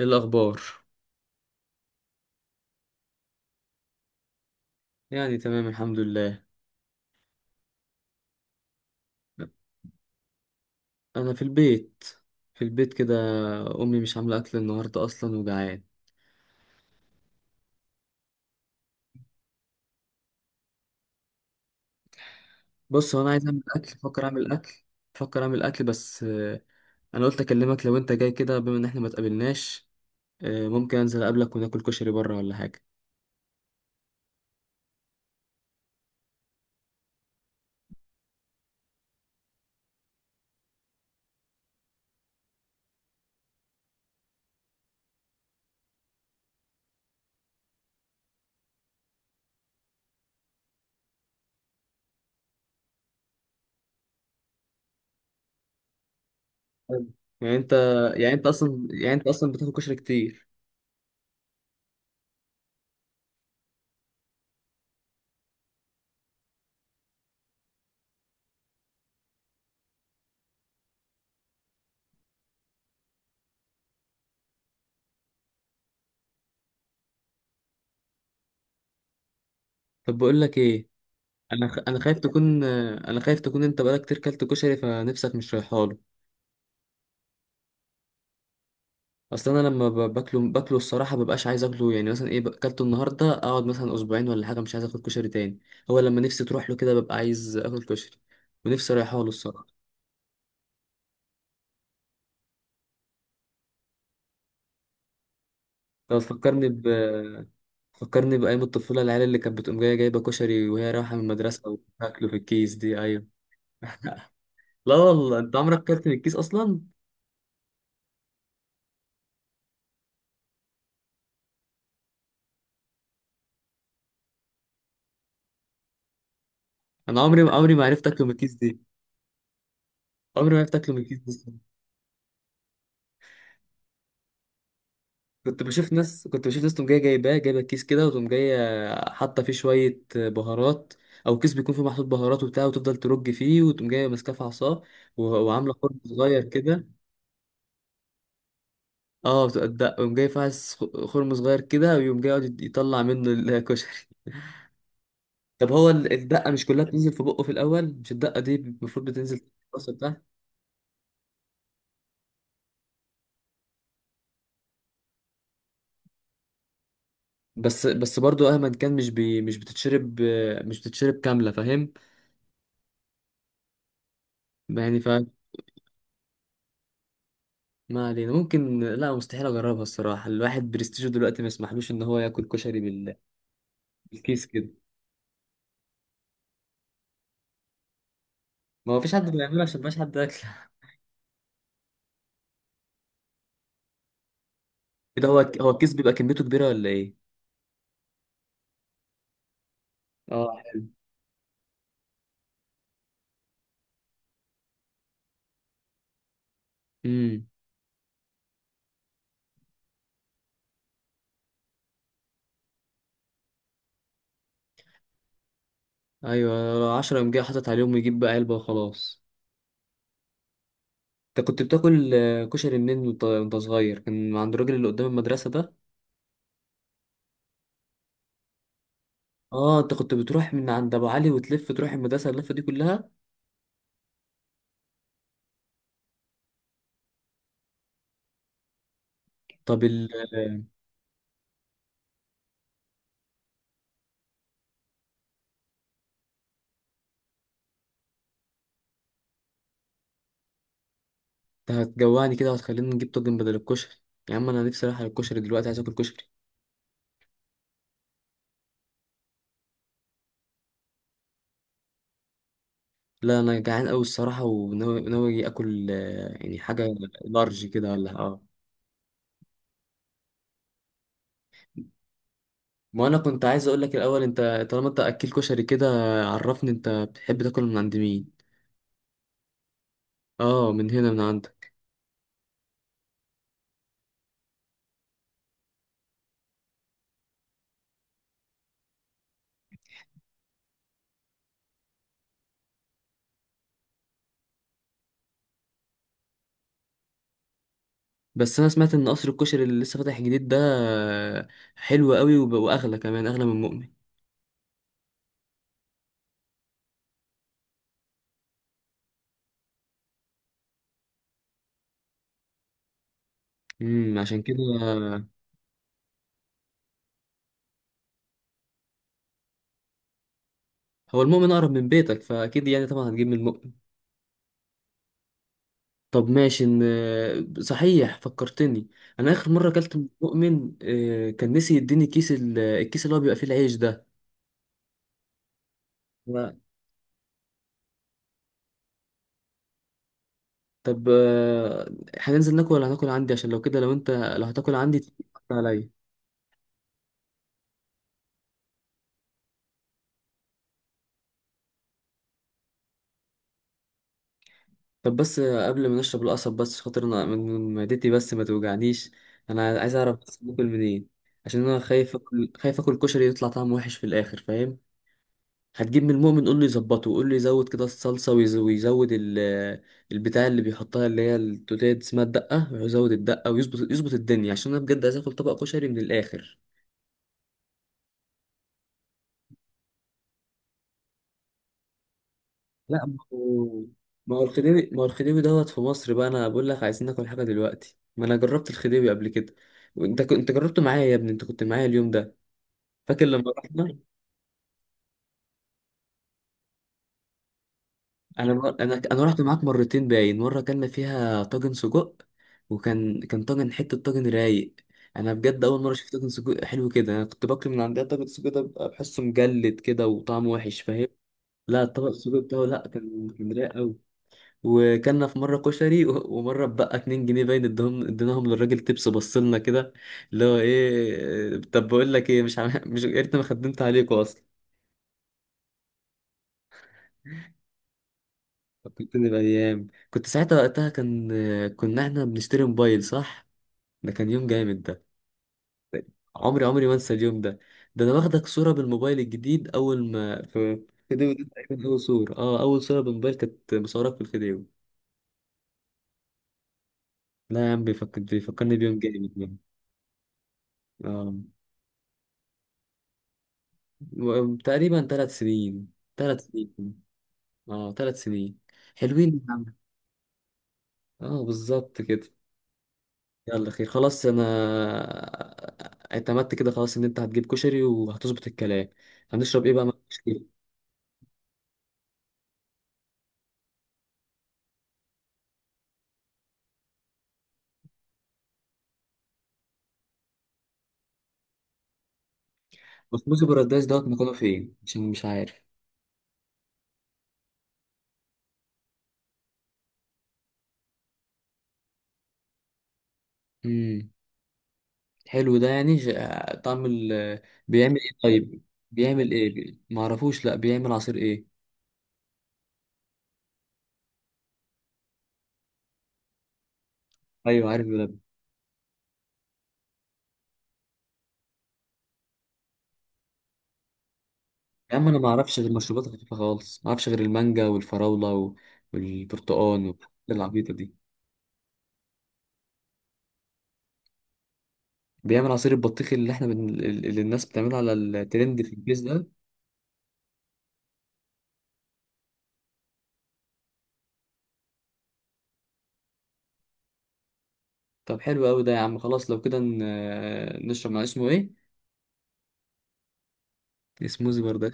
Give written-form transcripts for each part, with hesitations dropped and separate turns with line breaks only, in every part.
إيه الأخبار؟ يعني تمام الحمد لله. أنا في البيت كده. أمي مش عاملة أكل النهاردة، أصلا وجعان. بص، هو أنا عايز أعمل أكل، فكر أعمل أكل بس أنا قلت أكلمك لو أنت جاي كده بما إن إحنا ما اتقابلناش. ممكن أنزل أقابلك وناكل كشري بره ولا حاجة. حلو. يعني أنت يعني أنت أصلا بتاكل كشري كتير؟ طب بقول لك إيه. أنا خ... أنا خايف تكون آه، أنا خايف تكون أنت بقالك كتير كلت كشري فنفسك مش رايحاله. اصل انا لما باكله الصراحه مبقاش عايز اكله. يعني مثلا ايه اكلته النهارده اقعد مثلا اسبوعين ولا حاجه مش عايز اكل كشري تاني. هو لما نفسي تروح له كده ببقى عايز اكل كشري، ونفسي رايحه له الصراحه. طب فكرني بايام الطفوله، العيال اللي كانت بتقوم جايه جايبه كشري وهي رايحه من المدرسه وتاكله في الكيس دي. ايوه. لا والله، انت عمرك اكلت من الكيس اصلا؟ انا عمري ما عرفت اكله من الكيس دي. عمري ما عرفت اكله من الكيس دي. كنت بشوف ناس تقوم جايه جايباه جايبه كيس كده وتقوم جايه حاطه فيه شويه بهارات، او كيس بيكون فيه محطوط بهارات وبتاع وتفضل ترج فيه وتقوم جايه ماسكاه في عصاه وعامله خرم صغير كده. اه يقوم جاي فاعس خرم صغير كده ويقوم جاي يقعد يطلع منه الكشري. طب هو الدقه مش كلها بتنزل في بقه في الاول؟ مش الدقه دي المفروض بتنزل في الراس بتاعها. بس برضو مهما كان مش بتتشرب كامله، فاهم؟ يعني ما علينا. ممكن، لا مستحيل اجربها الصراحه، الواحد برستيجه دلوقتي ما يسمحلوش ان هو ياكل كشري بالكيس كده. ما هو فيش حد بيعمله عشان مبقاش حد اكل. كده هو الكيس بيبقى كميته كبيره ولا ايه؟ اه. امم ايوه، 10 قام جاي حاطط عليهم يجيب بقى علبه وخلاص. انت كنت بتاكل كشري منين وأنت صغير؟ كان من عند الراجل اللي قدام المدرسه ده. اه، انت كنت بتروح من عند ابو علي وتلف تروح المدرسه اللفه دي كلها. طب ال آه، انت هتجوعني كده وهتخليني نجيب طاجن بدل الكشري. يا عم انا نفسي رايح على الكشري دلوقتي، عايز اكل كشري. لا انا جعان قوي الصراحه، وناوي ناوي أجي اكل، يعني حاجه لارج كده ولا اه. ما انا كنت عايز اقول لك الاول، انت طالما انت اكل كشري كده عرفني انت بتحب تاكل من عند مين. اه، من هنا من عندك. بس انا سمعت ان قصر الكشري اللي لسه فاتح جديد ده آه، حلو قوي واغلى كمان، اغلى من مؤمن. عشان كده. آه، هو المؤمن اقرب من بيتك فاكيد، يعني طبعا هتجيب من. طب ماشي، صحيح فكرتني. انا اخر مره اكلت من مؤمن كان نسي يديني الكيس اللي هو بيبقى فيه العيش ده. و- طب آه، هننزل ناكل ولا هناكل عندي؟ عشان لو كده، لو هتاكل عندي تحط عليا. طب بس قبل ما نشرب القصب، بس عشان خاطر انا من معدتي بس ما توجعنيش. انا عايز اعرف بس باكل منين، عشان انا خايف اكل كشري يطلع طعمه وحش في الاخر، فاهم؟ هتجيب من المؤمن قول له يظبطه، وقول له يزود كده الصلصة ويزود البتاع اللي بيحطها اللي هي التوتيه دي اسمها الدقة، يزود الدقة ويظبط الدنيا عشان انا بجد عايز اكل طبق كشري من الاخر. لا ما هو الخديوي دوت في مصر بقى. انا بقول لك عايزين ناكل حاجة دلوقتي، ما انا جربت الخديوي قبل كده، وانت كنت جربته معايا يا ابني، انت كنت معايا اليوم ده، فاكر لما رحنا. انا بر... انا انا رحت معاك مرتين، باين مره كنا فيها طاجن سجق، وكان كان طاجن، حته طاجن رايق. انا بجد اول مره شفت طاجن سجق حلو كده. انا كنت باكل من عندها طاجن سجق ده بيبقى بحسه مجلد كده وطعمه وحش، فاهم؟ لا طبق السجق بتاعه لا كان رايق قوي. وكلنا في مره كشري ومره بقى 2 جنيه باين ادهم، اديناهم للراجل تبس بصلنا كده. اللي هو ايه؟ طب بقول لك ايه، مش يا ريتني ما خدمت عليكوا اصلا. فكرتني بأيام كنت ساعتها، وقتها كان كنا احنا بنشتري موبايل، صح؟ ده كان يوم جامد ده. عمري ما انسى اليوم ده. ده انا واخدك صورة بالموبايل الجديد اول ما في الفيديو ده، تقريبا اول صورة بالموبايل كانت مصورك في الفيديو. لا يا عم، بيفكرني بيوم جامد يعني. اه. تقريبا ثلاث سنين. اه 3 سنين، حلوين يا عم. اه بالظبط كده. يلا، خير، خلاص. انا اعتمدت كده خلاص ان انت هتجيب كشري وهتظبط الكلام. هنشرب ايه بقى مع الكشري؟ بسبوسه بارادايس دوت مكانه فين عشان مش عارف. امم حلو ده. يعني طعم ال... بيعمل ايه طيب بيعمل ايه ما اعرفوش، لا بيعمل عصير ايه؟ ايوه عارف بلبن. يا عم انا ما اعرفش غير المشروبات الخفيفه خالص، ما اعرفش غير المانجا والفراوله والبرتقال والحاجات العبيطه دي. بيعمل عصير البطيخ اللي الناس بتعمله على الترند في الفيس ده. طب حلو قوي ده يا عم، خلاص لو كده نشرب مع اسمه ايه؟ السموزي برضه.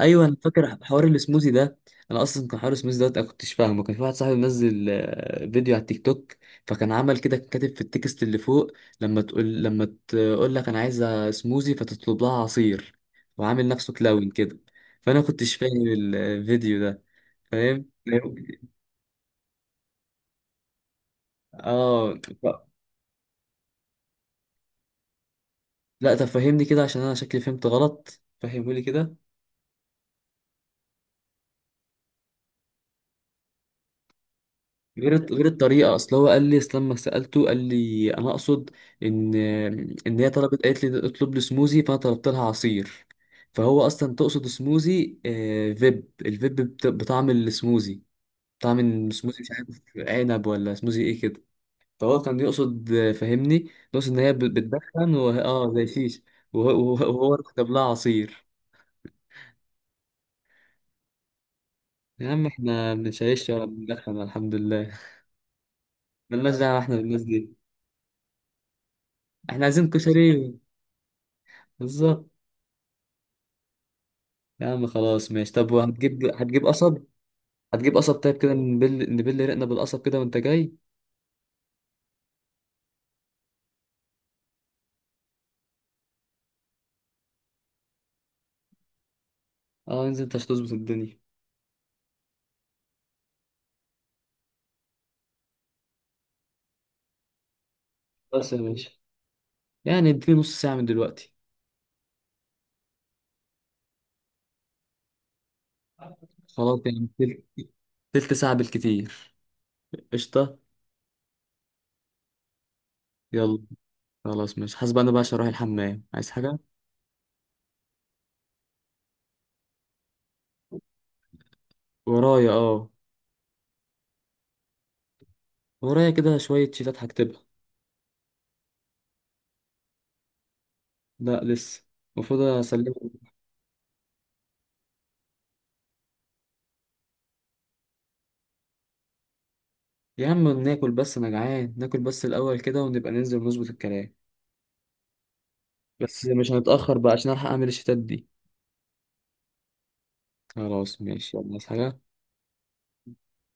ايوه، انا فاكر حوار السموزي ده. انا اصلا كان حوار السموزي ده انا كنتش فاهمه. كان في واحد صاحبي منزل فيديو على التيك توك، فكان عمل كده، كان كاتب في التكست اللي فوق لما تقول لك انا عايزه سموزي فتطلب لها عصير، وعامل نفسه كلاون كده، فانا كنتش فاهم الفيديو ده. فاهم، فاهم؟ اه. لا طب فهمني كده عشان انا شكلي فهمت غلط، فهمه لي كده. غير الطريقه، اصل لما سالته قال لي انا اقصد ان ان هي طلبت، قالت لي اطلب لي سموزي فانا طلبت لها عصير. فهو اصلا تقصد سموزي، الفيب بطعم السموزي. طعم السموزي، مش عارف، عنب ولا سموزي ايه كده. فهو كان يقصد، فهمني، يقصد ان هي بتدخن زي شيش، وهو كتب لها عصير. يا عم احنا مش عايش ولا بندخن الحمد لله، ملناش دعوه احنا بالناس دي. احنا عايزين كشري. بالظبط. يا عم خلاص ماشي، طب وهتجيب قصب؟ هتجيب قصب، طيب كده نبل نبل رقنا بالقصب كده وانت جاي. اه، انزل انت هتظبط الدنيا. بس يا باشا، يعني اديني نص ساعة من دلوقتي. خلاص يعني تلت ساعة بالكتير. قشطة. يلا. خلاص ماشي، حاسب انا بقى عشان اروح الحمام، عايز حاجة؟ ورايا، اه. ورايا كده شوية شيتات هكتبها. لا لسه، المفروض اسلمها. يا عم ناكل بس، انا جعان، ناكل بس الاول كده ونبقى ننزل ونظبط الكلام. بس مش هنتأخر بقى عشان الحق اعمل الشيتات دي. خلاص ماشي يلا، عايز حاجة؟